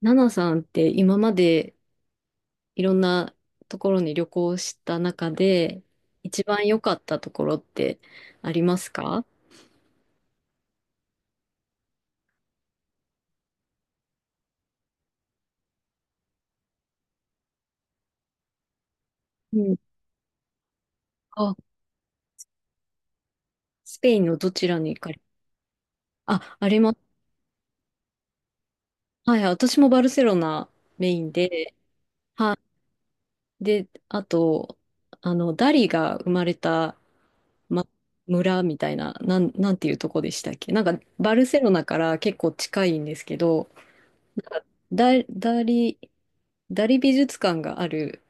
ナナさんって今までいろんなところに旅行した中で一番良かったところってありますか？うん。あ、スペインのどちらに行かれ、あ、あります。はい、私もバルセロナメインで、はい。で、あと、ダリが生まれた、ま、村みたいな、なんていうとこでしたっけ？なんか、バルセロナから結構近いんですけど、なんかダ、ダリ、ダリ美術館がある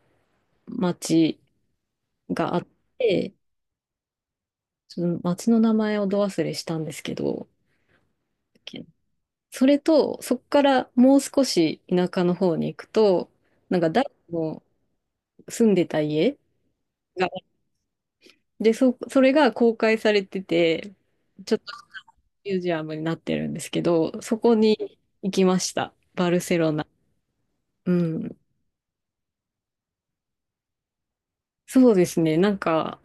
町があって、その町の名前をど忘れしたんですけど、それと、そこからもう少し田舎の方に行くと、なんか誰も住んでた家が、で、それが公開されてて、ちょっとミュージアムになってるんですけど、そこに行きました。バルセロナ。うん。そうですね。なんか、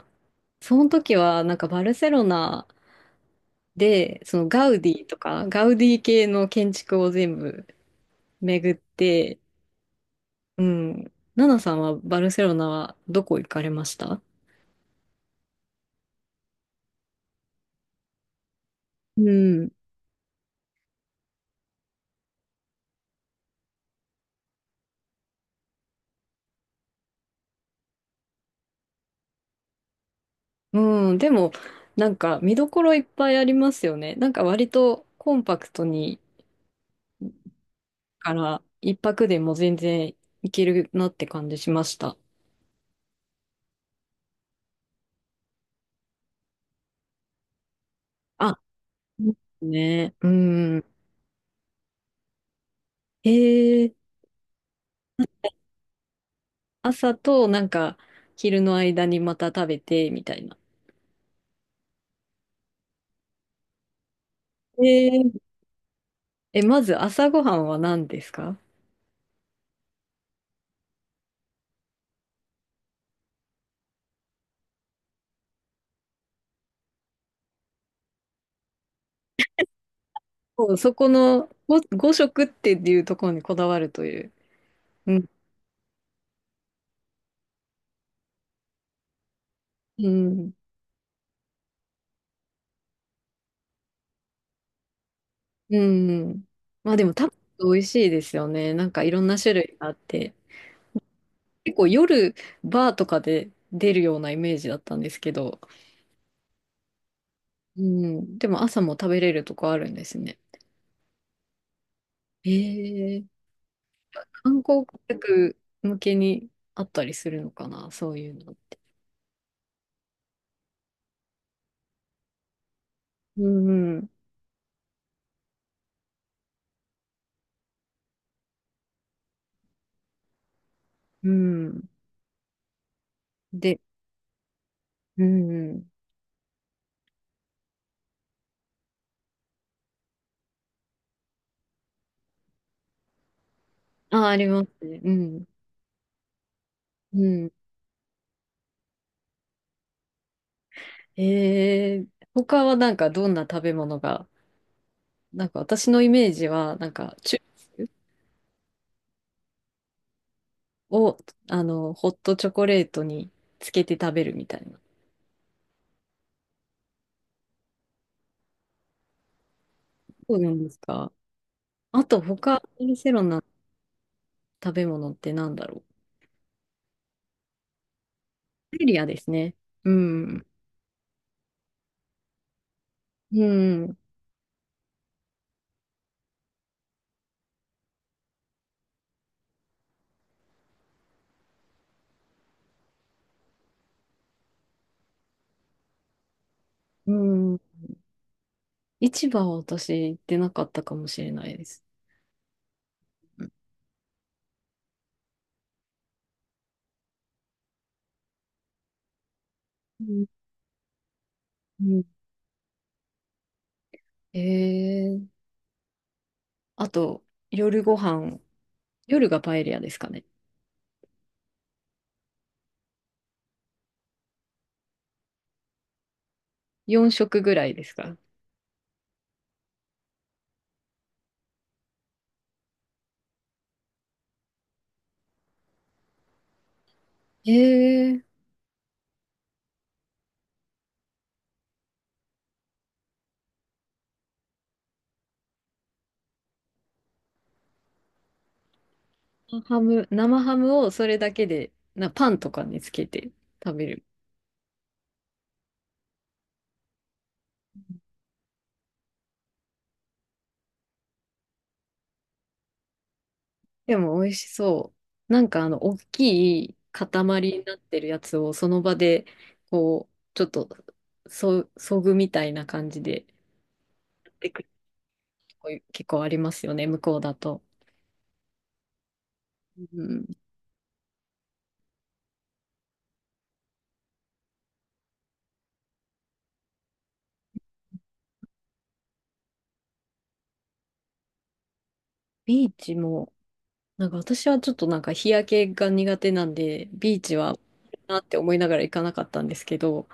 その時は、なんかバルセロナで、そのガウディとか、ガウディ系の建築を全部巡って、うん。ナナさんはバルセロナはどこ行かれました？うん。うん。でも、なんか見どころいっぱいありますよね。なんか割とコンパクトに、から一泊でも全然行けるなって感じしました。あ、ね。うん。へえー、朝となんか昼の間にまた食べてみたいな。えー、え、まず朝ごはんは何ですか？そうそこのご5食っていうところにこだわるという。うん。うん。うん。まあでも多分美味しいですよね。なんかいろんな種類があって。結構夜バーとかで出るようなイメージだったんですけど。うん。でも朝も食べれるとこあるんですね。えー、観光客向けにあったりするのかな、そういうの。うん、うん。で、うん。あ、ありますね。うん、うん。えー、他はなんかどんな食べ物が、なんか私のイメージは、なんか、チュを、ホットチョコレートにつけて食べるみたいな。そうなんですか。あと、他、バルセロナの食べ物ってなんだろう。パエリアですね。うん、うん、うん。市場は私行ってなかったかもしれないです。うん、うん。えーあと、夜ご飯、夜がパエリアですかね？4食ぐらいですか？えー、生ハムをそれだけで、パンとかにつけて食べる。でも美味しそう。なんか大きい塊になってるやつをその場で、こう、ちょっと、そぐみたいな感じで、で結構ありますよね、向こうだと。うん、ビーチも、なんか私はちょっとなんか日焼けが苦手なんで、ビーチはなって思いながら行かなかったんですけど、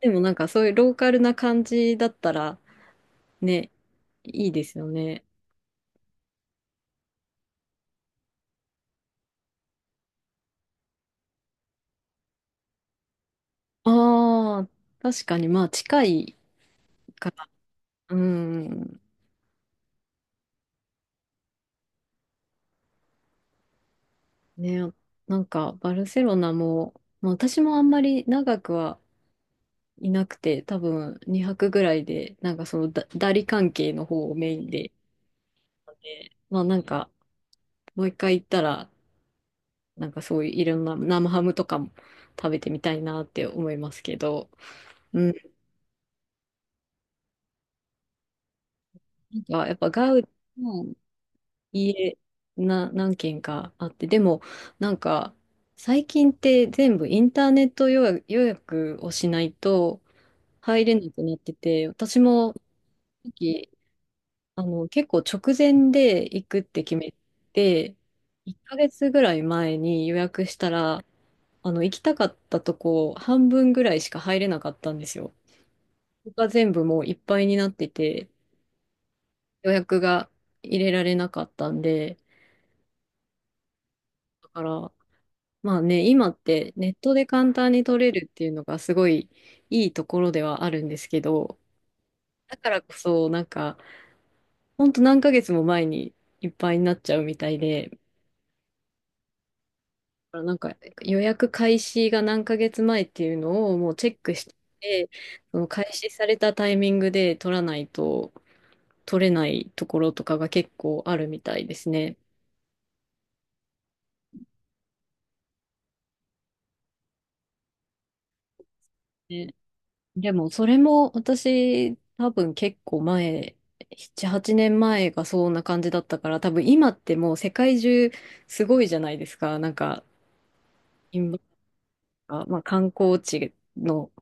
でもなんかそういうローカルな感じだったらね、いいですよね。ああ、確かにまあ近いから。うん。ね、なんかバルセロナも、まあ、私もあんまり長くはいなくて、多分2泊ぐらいで、なんかそのダリ関係の方をメインで、ねまあなんかもう一回行ったらなんかそういういろんな生ハムとかも食べてみたいなって思いますけど、うん、なんかやっぱガウディの家何軒かあって、でもなんか最近って全部インターネット予約をしないと入れなくなってて、私もさっき結構直前で行くって決めて、1ヶ月ぐらい前に予約したら、行きたかったとこ半分ぐらいしか入れなかったんですよ。が全部もういっぱいになってて、予約が入れられなかったんで、だから、まあね、今ってネットで簡単に取れるっていうのがすごいいいところではあるんですけど、だからこそ、なんか、ほんと何ヶ月も前にいっぱいになっちゃうみたいで、だからなんか予約開始が何ヶ月前っていうのをもうチェックして、その開始されたタイミングで取らないと取れないところとかが結構あるみたいですね。ねでも、それも私、多分結構前、7、8年前がそんな感じだったから、多分今ってもう世界中すごいじゃないですか。なんか、今、まあ観光地の、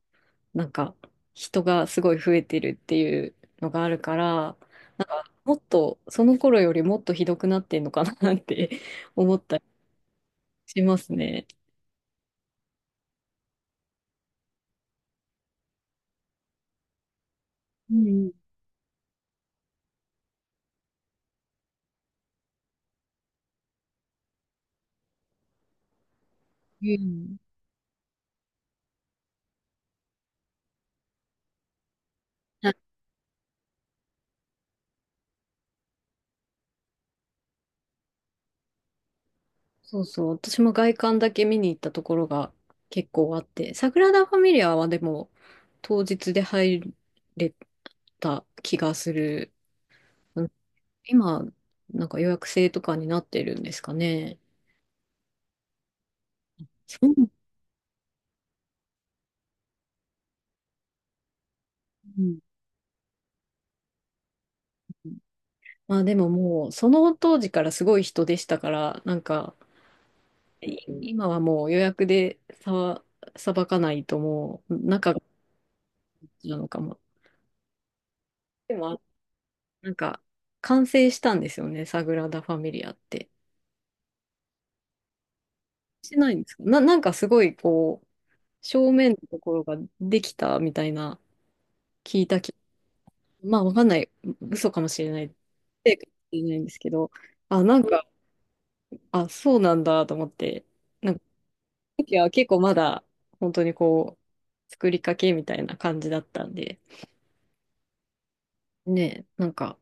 なんか、人がすごい増えてるっていうのがあるから、なんか、もっと、その頃よりもっとひどくなってんのかなって 思ったりしますね。うんうん。そうそう。私も外観だけ見に行ったところが結構あって、サグラダ・ファミリアはでも当日で入れた気がする。うん。今、なんか予約制とかになってるんですかね？そううんまあでももう、その当時からすごい人でしたから、なんか、い今はもう予約でさばかないともう、中がなのかも。でも、なんか、完成したんですよね、サグラダ・ファミリアって。してないんですかな、なんかすごいこう、正面のところができたみたいな、まあわかんない、嘘かもしれない、ええかもしれないんですけど、あ、なんか、あ、そうなんだと思って、なんかいや結構まだ本当にこう、作りかけみたいな感じだったんで、ねえ、なんか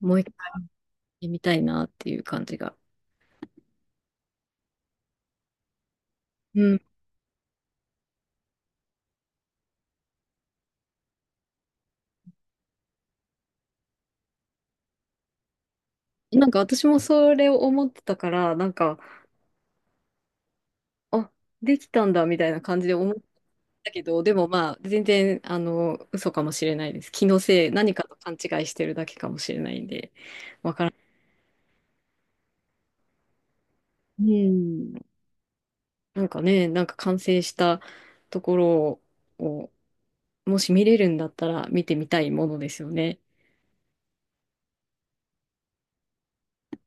もう一回見たいなっていう感じが。うん。なんか私もそれを思ってたから、なんか、あ、できたんだみたいな感じで思ったけど、でもまあ、全然、嘘かもしれないです。気のせい、何かと勘違いしてるだけかもしれないんで。うん。なんかね、なんか完成したところを、もし見れるんだったら見てみたいものですよね。